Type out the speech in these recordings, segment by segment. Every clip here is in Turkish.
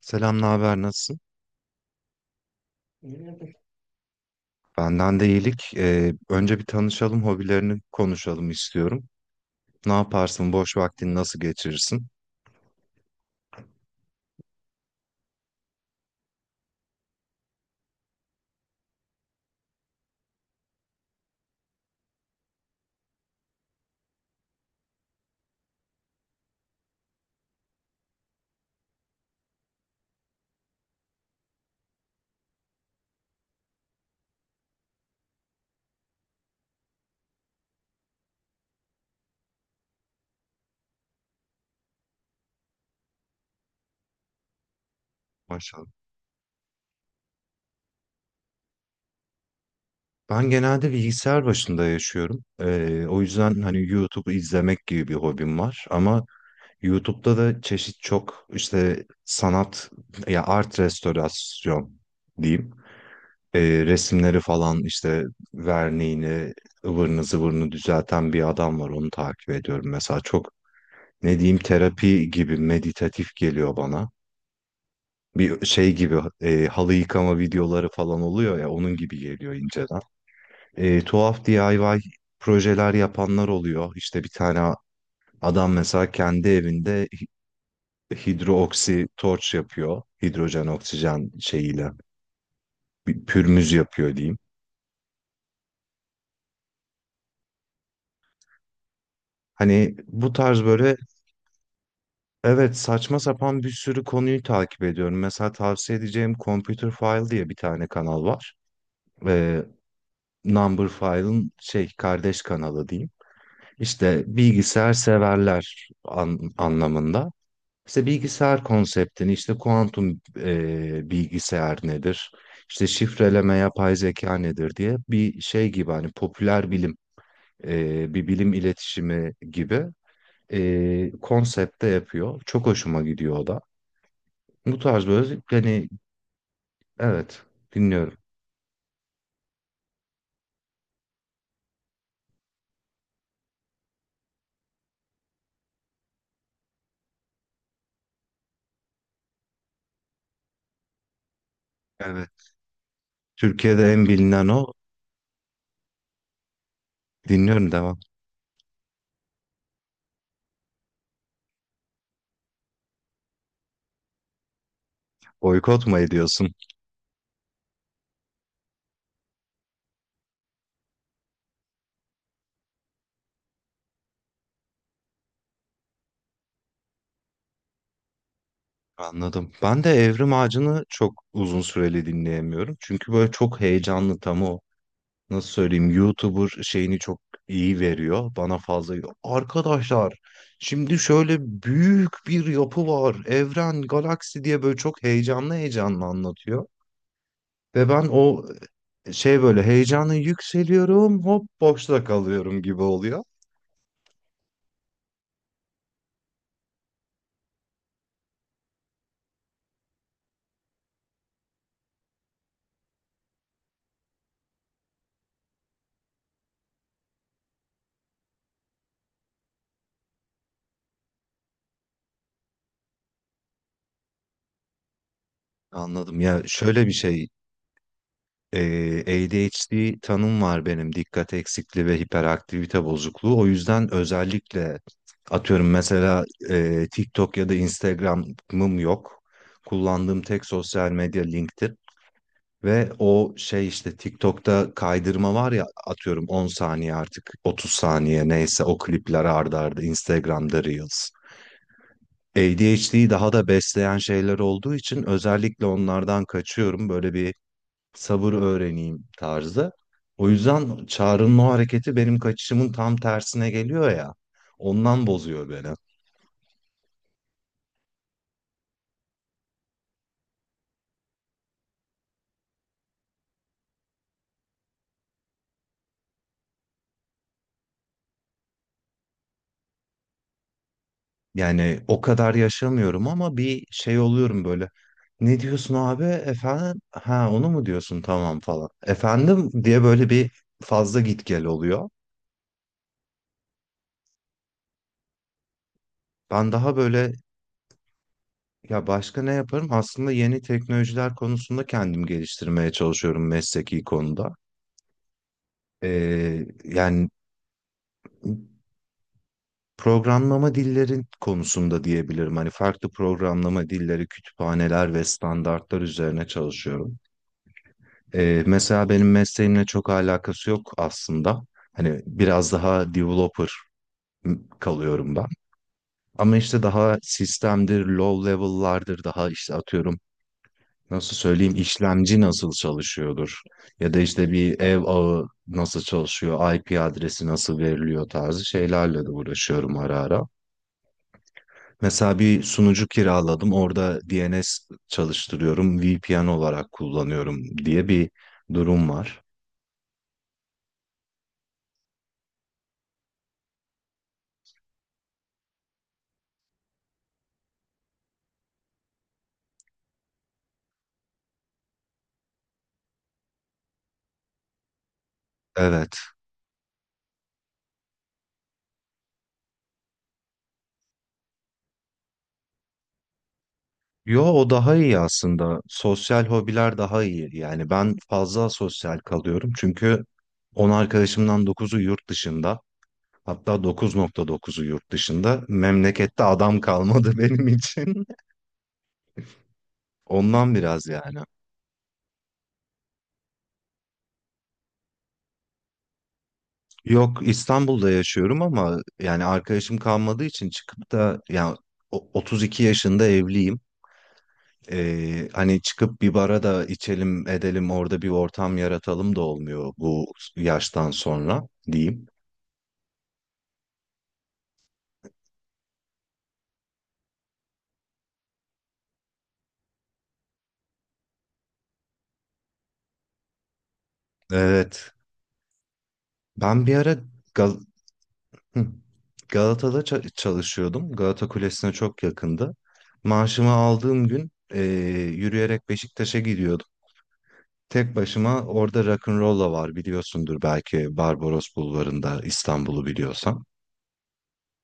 Selam, ne haber, nasılsın? Benden de iyilik. Önce bir tanışalım, hobilerini konuşalım istiyorum. Ne yaparsın, boş vaktini nasıl geçirirsin? Maşallah. Ben genelde bilgisayar başında yaşıyorum. O yüzden hani YouTube'u izlemek gibi bir hobim var. Ama YouTube'da da çeşit çok işte sanat ya art restorasyon diyeyim. Ee, resimleri falan işte verniğini, ıvırını zıvırını düzelten bir adam var. Onu takip ediyorum mesela. Çok ne diyeyim, terapi gibi meditatif geliyor bana. Bir şey gibi, halı yıkama videoları falan oluyor ya, onun gibi geliyor inceden. Tuhaf DIY projeler yapanlar oluyor. İşte bir tane adam mesela kendi evinde hidrooksi torç yapıyor. Hidrojen oksijen şeyiyle bir pürmüz yapıyor diyeyim. Hani bu tarz böyle, evet, saçma sapan bir sürü konuyu takip ediyorum. Mesela tavsiye edeceğim Computer File diye bir tane kanal var. Ee, Number File'ın şey kardeş kanalı diyeyim. İşte bilgisayar severler anlamında. İşte bilgisayar konseptini, işte kuantum bilgisayar nedir, işte şifreleme, yapay zeka nedir diye bir şey gibi, hani popüler bilim, bir bilim iletişimi gibi konsepte yapıyor. Çok hoşuma gidiyor o da. Bu tarz böyle hani, evet, dinliyorum. Evet. Türkiye'de en bilinen o. Dinliyorum, devam. Boykot mu ediyorsun? Anladım. Ben de Evrim Ağacı'nı çok uzun süreli dinleyemiyorum. Çünkü böyle çok heyecanlı tam o, nasıl söyleyeyim, YouTuber şeyini çok iyi veriyor. Bana fazla, arkadaşlar, şimdi şöyle büyük bir yapı var. Evren, galaksi diye böyle çok heyecanlı heyecanlı anlatıyor. Ve ben o, şey, böyle heyecanla yükseliyorum, hop boşta kalıyorum gibi oluyor. Anladım. Ya şöyle bir şey, eee, ADHD tanım var benim, dikkat eksikliği ve hiperaktivite bozukluğu. O yüzden özellikle atıyorum, mesela TikTok ya da Instagram'ım yok. Kullandığım tek sosyal medya LinkedIn. Ve o şey işte TikTok'ta kaydırma var ya, atıyorum 10 saniye, artık 30 saniye neyse, o klipler arda arda, Instagram'da Reels. ADHD'yi daha da besleyen şeyler olduğu için özellikle onlardan kaçıyorum. Böyle bir sabır öğreneyim tarzı. O yüzden Çağrı'nın o hareketi benim kaçışımın tam tersine geliyor ya. Ondan bozuyor beni. Yani o kadar yaşamıyorum ama bir şey oluyorum böyle. Ne diyorsun abi? Efendim? Ha, onu mu diyorsun? Tamam falan. Efendim diye böyle bir fazla git gel oluyor. Ben daha böyle, ya başka ne yaparım? Aslında yeni teknolojiler konusunda kendim geliştirmeye çalışıyorum mesleki konuda. Yani programlama dillerin konusunda diyebilirim. Hani farklı programlama dilleri, kütüphaneler ve standartlar üzerine çalışıyorum. Mesela benim mesleğimle çok alakası yok aslında. Hani biraz daha developer kalıyorum ben. Ama işte daha sistemdir, low level'lardır, daha işte atıyorum nasıl söyleyeyim, işlemci nasıl çalışıyordur ya da işte bir ev ağı nasıl çalışıyor, IP adresi nasıl veriliyor tarzı şeylerle de uğraşıyorum ara ara. Mesela bir sunucu kiraladım, orada DNS çalıştırıyorum, VPN olarak kullanıyorum diye bir durum var. Evet. Yo, o daha iyi aslında. Sosyal hobiler daha iyi. Yani ben fazla sosyal kalıyorum çünkü 10 arkadaşımdan dokuzu yurt dışında. Hatta 9,9'u yurt dışında. Memlekette adam kalmadı benim için. Ondan biraz yani. Yok, İstanbul'da yaşıyorum ama yani arkadaşım kalmadığı için çıkıp da, yani 32 yaşında evliyim. Hani çıkıp bir bara da içelim edelim, orada bir ortam yaratalım da olmuyor bu yaştan sonra diyeyim. Evet. Ben bir ara Gal Hı. Galata'da çalışıyordum. Galata Kulesi'ne çok yakındı. Maaşımı aldığım gün, yürüyerek Beşiktaş'a gidiyordum. Tek başıma orada Rock'n'Rolla var, biliyorsundur belki, Barbaros Bulvarı'nda, İstanbul'u biliyorsan.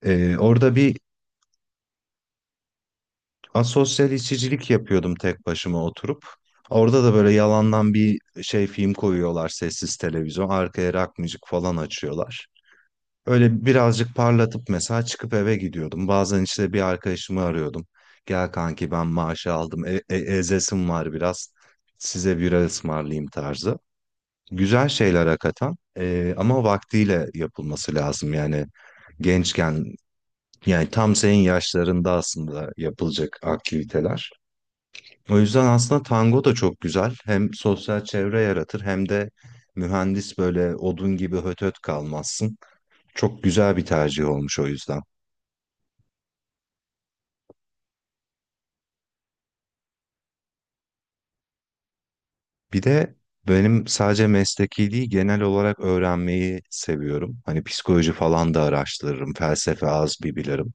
Orada bir asosyal içicilik yapıyordum tek başıma oturup. Orada da böyle yalandan bir şey film koyuyorlar, sessiz televizyon. Arkaya rock müzik falan açıyorlar. Öyle birazcık parlatıp mesela çıkıp eve gidiyordum. Bazen işte bir arkadaşımı arıyordum. Gel kanki, ben maaşı aldım. Ezesim var biraz. Size bira ısmarlayayım tarzı. Güzel şeyler hakikaten. Ama vaktiyle yapılması lazım. Yani gençken, yani tam senin yaşlarında aslında yapılacak aktiviteler. O yüzden aslında tango da çok güzel. Hem sosyal çevre yaratır, hem de mühendis böyle odun gibi hötöt kalmazsın. Çok güzel bir tercih olmuş o yüzden. Bir de benim sadece mesleki değil, genel olarak öğrenmeyi seviyorum. Hani psikoloji falan da araştırırım. Felsefe az bir bilirim.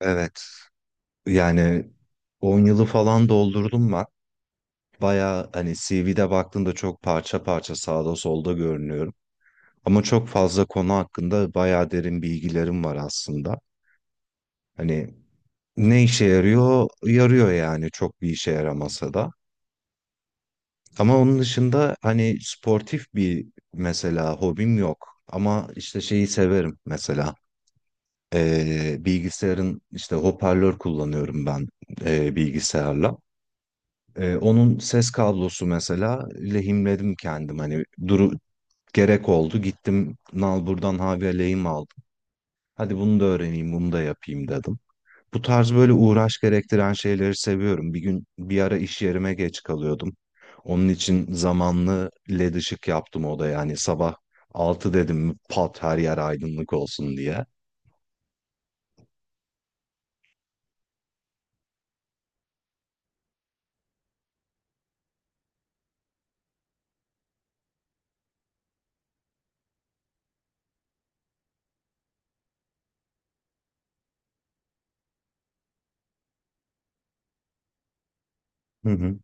Evet. Yani 10 yılı falan doldurdum ben. Baya hani CV'de baktığında çok parça parça, sağda solda görünüyorum. Ama çok fazla konu hakkında bayağı derin bilgilerim var aslında. Hani, ne işe yarıyor? Yarıyor yani, çok bir işe yaramasa da. Ama onun dışında hani sportif bir, mesela, hobim yok. Ama işte şeyi severim mesela. Bilgisayarın işte, hoparlör kullanıyorum ben bilgisayarla. Onun ses kablosu mesela, lehimledim kendim. Hani duru, gerek oldu, gittim nalburdan havya lehim aldım. Hadi bunu da öğreneyim, bunu da yapayım dedim. Bu tarz böyle uğraş gerektiren şeyleri seviyorum. Bir gün bir ara iş yerime geç kalıyordum. Onun için zamanlı led ışık yaptım odaya. Yani sabah 6 dedim mi pat her yer aydınlık olsun diye. Hı hı.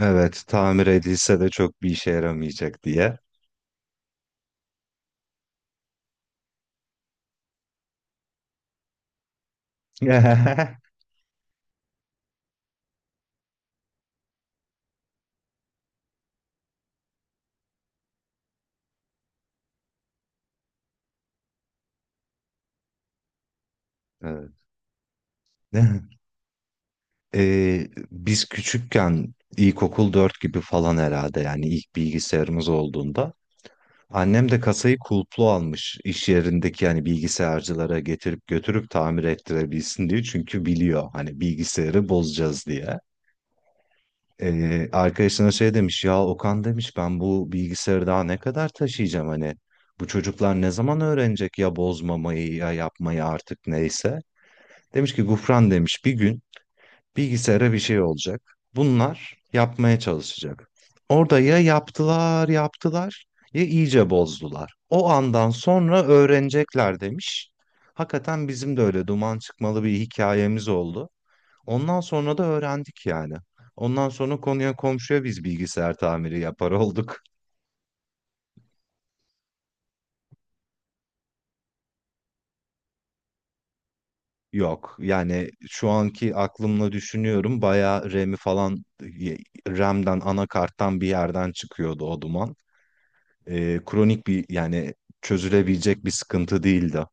Evet, tamir edilse de çok bir işe yaramayacak diye. Evet. Biz küçükken, ilkokul 4 gibi falan herhalde, yani ilk bilgisayarımız olduğunda annem de kasayı kulplu almış iş yerindeki, yani bilgisayarcılara getirip götürüp tamir ettirebilsin diye, çünkü biliyor hani bilgisayarı bozacağız diye. Arkadaşına şey demiş ya, Okan demiş, ben bu bilgisayarı daha ne kadar taşıyacağım, hani bu çocuklar ne zaman öğrenecek ya bozmamayı, ya yapmayı artık, neyse. Demiş ki Gufran, demiş, bir gün bilgisayara bir şey olacak. Bunlar yapmaya çalışacak. Orada ya yaptılar, yaptılar ya iyice bozdular. O andan sonra öğrenecekler demiş. Hakikaten bizim de öyle duman çıkmalı bir hikayemiz oldu. Ondan sonra da öğrendik yani. Ondan sonra konuya komşuya biz bilgisayar tamiri yapar olduk. Yok, yani şu anki aklımla düşünüyorum, bayağı RAM'i falan, RAM'den anakarttan bir yerden çıkıyordu o duman. Kronik bir, yani çözülebilecek bir sıkıntı değildi.